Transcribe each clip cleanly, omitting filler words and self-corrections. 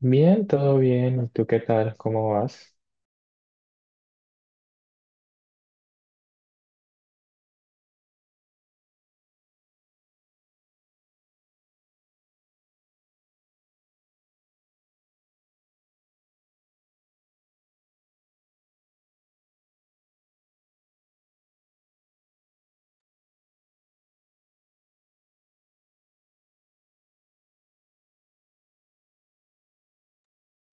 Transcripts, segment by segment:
Bien, todo bien. ¿Y tú qué tal? ¿Cómo vas?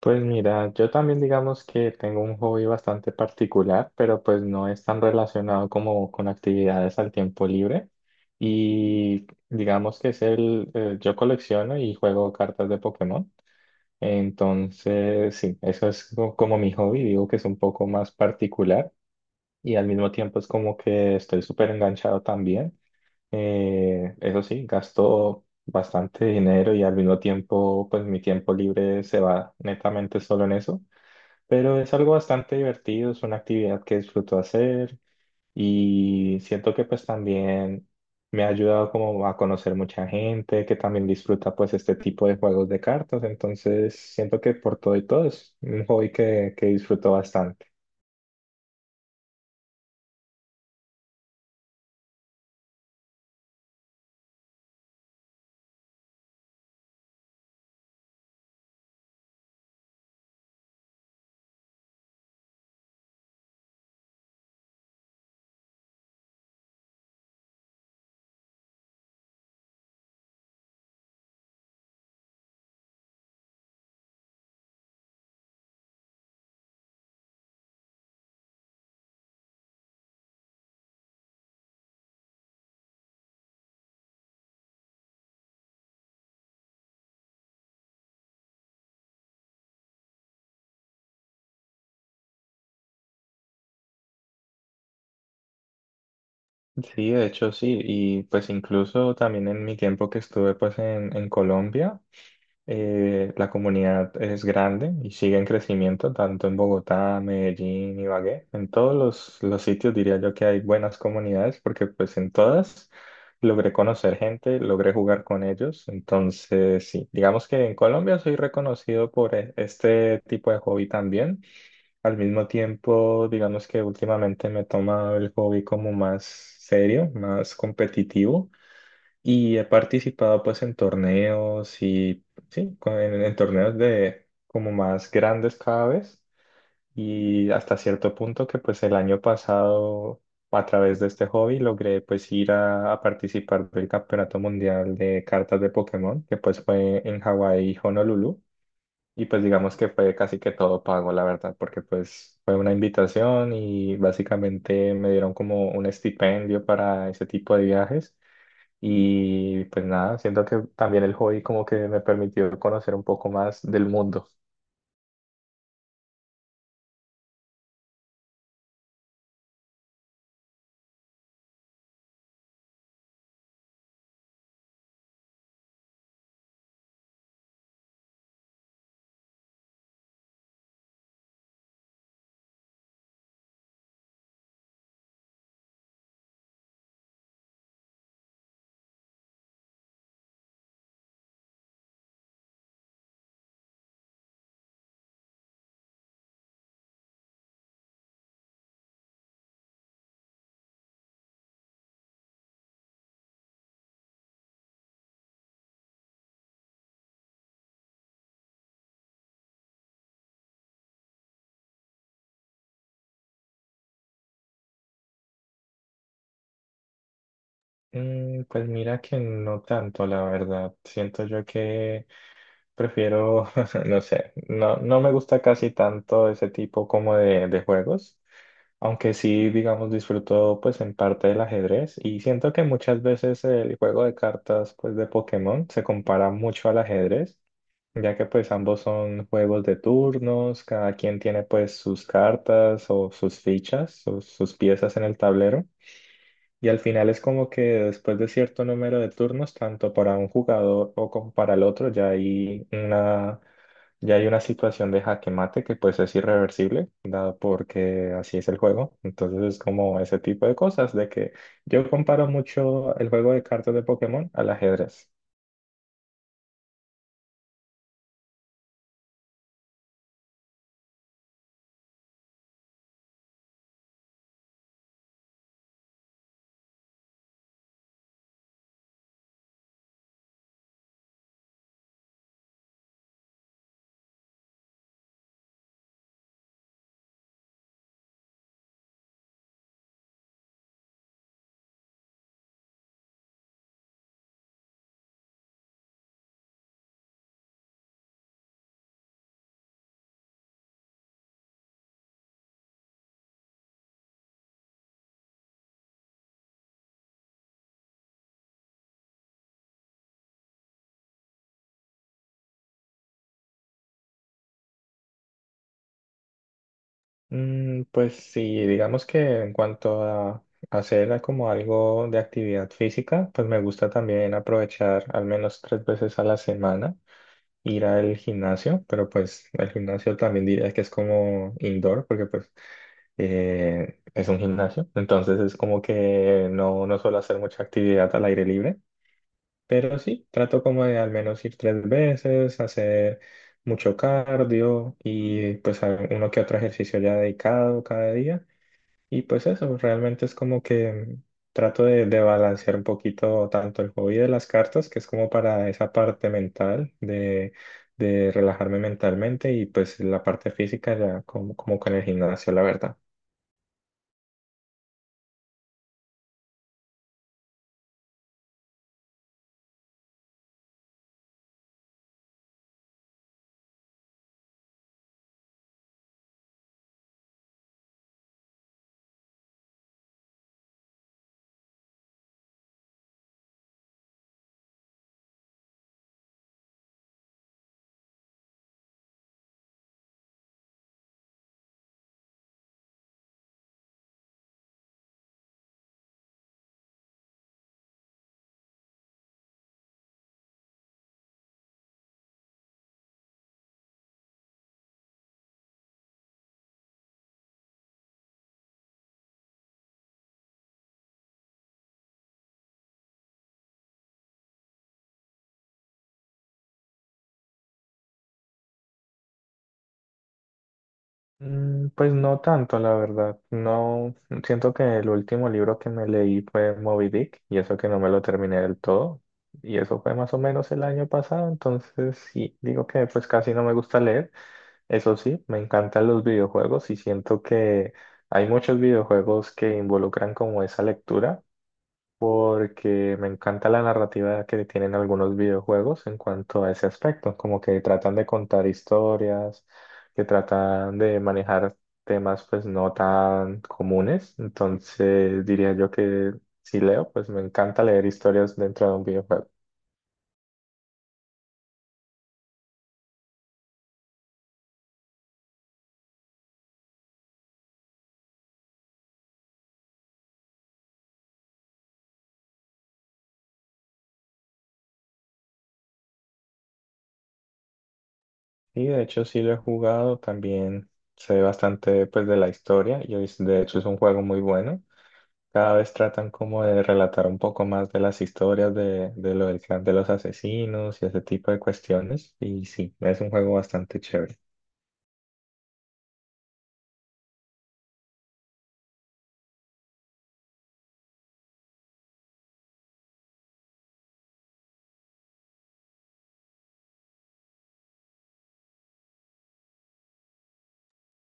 Pues mira, yo también digamos que tengo un hobby bastante particular, pero pues no es tan relacionado como con actividades al tiempo libre. Y digamos que es yo colecciono y juego cartas de Pokémon. Entonces, sí, como mi hobby. Digo que es un poco más particular y al mismo tiempo es como que estoy súper enganchado también. Eso sí, gasto bastante dinero y al mismo tiempo, pues mi tiempo libre se va netamente solo en eso, pero es algo bastante divertido, es una actividad que disfruto hacer y siento que pues también me ha ayudado como a conocer mucha gente que también disfruta pues este tipo de juegos de cartas, entonces siento que por todo y todo es un hobby que disfruto bastante. Sí, de hecho sí, y pues incluso también en mi tiempo que estuve pues en Colombia. La comunidad es grande y sigue en crecimiento, tanto en Bogotá, Medellín, Ibagué. En todos los sitios diría yo que hay buenas comunidades porque pues en todas logré conocer gente, logré jugar con ellos. Entonces, sí, digamos que en Colombia soy reconocido por este tipo de hobby también. Al mismo tiempo, digamos que últimamente me he tomado el hobby como más serio, más competitivo. Y he participado pues en torneos y sí, en torneos de como más grandes cada vez y hasta cierto punto que pues el año pasado a través de este hobby logré pues ir a participar del Campeonato Mundial de Cartas de Pokémon que pues fue en Hawái, Honolulu, y pues digamos que fue casi que todo pago la verdad porque pues fue una invitación y básicamente me dieron como un estipendio para ese tipo de viajes. Y pues nada, siento que también el hobby como que me permitió conocer un poco más del mundo. Mm, pues mira que no tanto, la verdad. Siento yo que prefiero, no sé, no me gusta casi tanto ese tipo como de juegos. Aunque sí, digamos, disfruto pues en parte del ajedrez y siento que muchas veces el juego de cartas pues de Pokémon se compara mucho al ajedrez ya que pues ambos son juegos de turnos, cada quien tiene pues sus cartas o sus fichas o sus piezas en el tablero. Y al final es como que después de cierto número de turnos, tanto para un jugador o como para el otro, ya hay una situación de jaque mate que pues es irreversible, dado porque así es el juego. Entonces es como ese tipo de cosas, de que yo comparo mucho el juego de cartas de Pokémon al ajedrez. Mm, pues sí, digamos que en cuanto a hacer como algo de actividad física, pues me gusta también aprovechar al menos tres veces a la semana ir al gimnasio, pero pues el gimnasio también diría que es como indoor, porque pues es un gimnasio, entonces es como que no, no suelo hacer mucha actividad al aire libre, pero sí, trato como de al menos ir tres veces, hacer mucho cardio y pues uno que otro ejercicio ya dedicado cada día. Y pues eso, realmente es como que trato de balancear un poquito tanto el hobby de las cartas, que es como para esa parte mental de relajarme mentalmente, y pues la parte física ya como, como con el gimnasio, la verdad. Mm, pues no tanto, la verdad. No, siento que el último libro que me leí fue Moby Dick y eso que no me lo terminé del todo. Y eso fue más o menos el año pasado, entonces sí, digo que pues casi no me gusta leer. Eso sí, me encantan los videojuegos y siento que hay muchos videojuegos que involucran como esa lectura porque me encanta la narrativa que tienen algunos videojuegos en cuanto a ese aspecto, como que tratan de contar historias, que tratan de manejar temas pues no tan comunes, entonces diría yo que si leo, pues me encanta leer historias dentro de un videojuego. Sí, de hecho sí lo he jugado, también sé bastante pues de la historia de hecho es un juego muy bueno. Cada vez tratan como de relatar un poco más de las historias de lo del clan de los asesinos y ese tipo de cuestiones. Y sí, es un juego bastante chévere.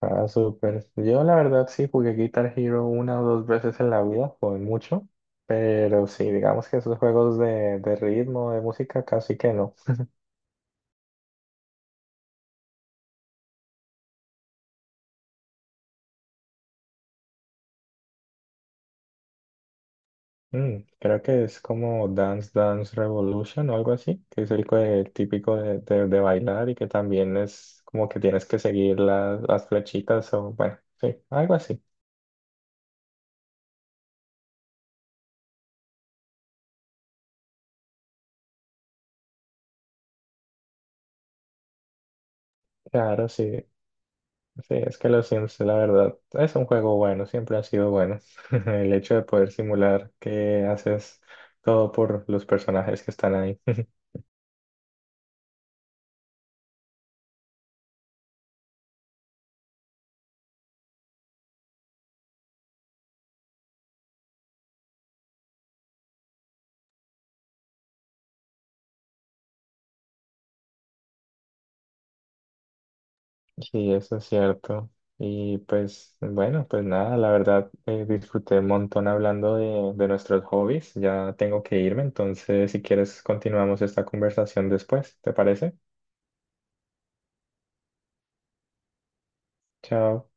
Ah, súper. Yo la verdad sí jugué Guitar Hero una o dos veces en la vida, jugué mucho, pero sí, digamos que esos juegos de ritmo, de música, casi que no. Mm, creo que es como Dance Dance Revolution o algo así, que es el típico de bailar y que también es como que tienes que seguir las flechitas o bueno, sí, algo así. Claro, sí, sí, es que los Sims, la verdad, es un juego bueno, siempre ha sido bueno. El hecho de poder simular que haces todo por los personajes que están ahí. Sí, eso es cierto. Y pues bueno, pues nada, la verdad disfruté un montón hablando de nuestros hobbies. Ya tengo que irme, entonces si quieres continuamos esta conversación después, ¿te parece? Chao.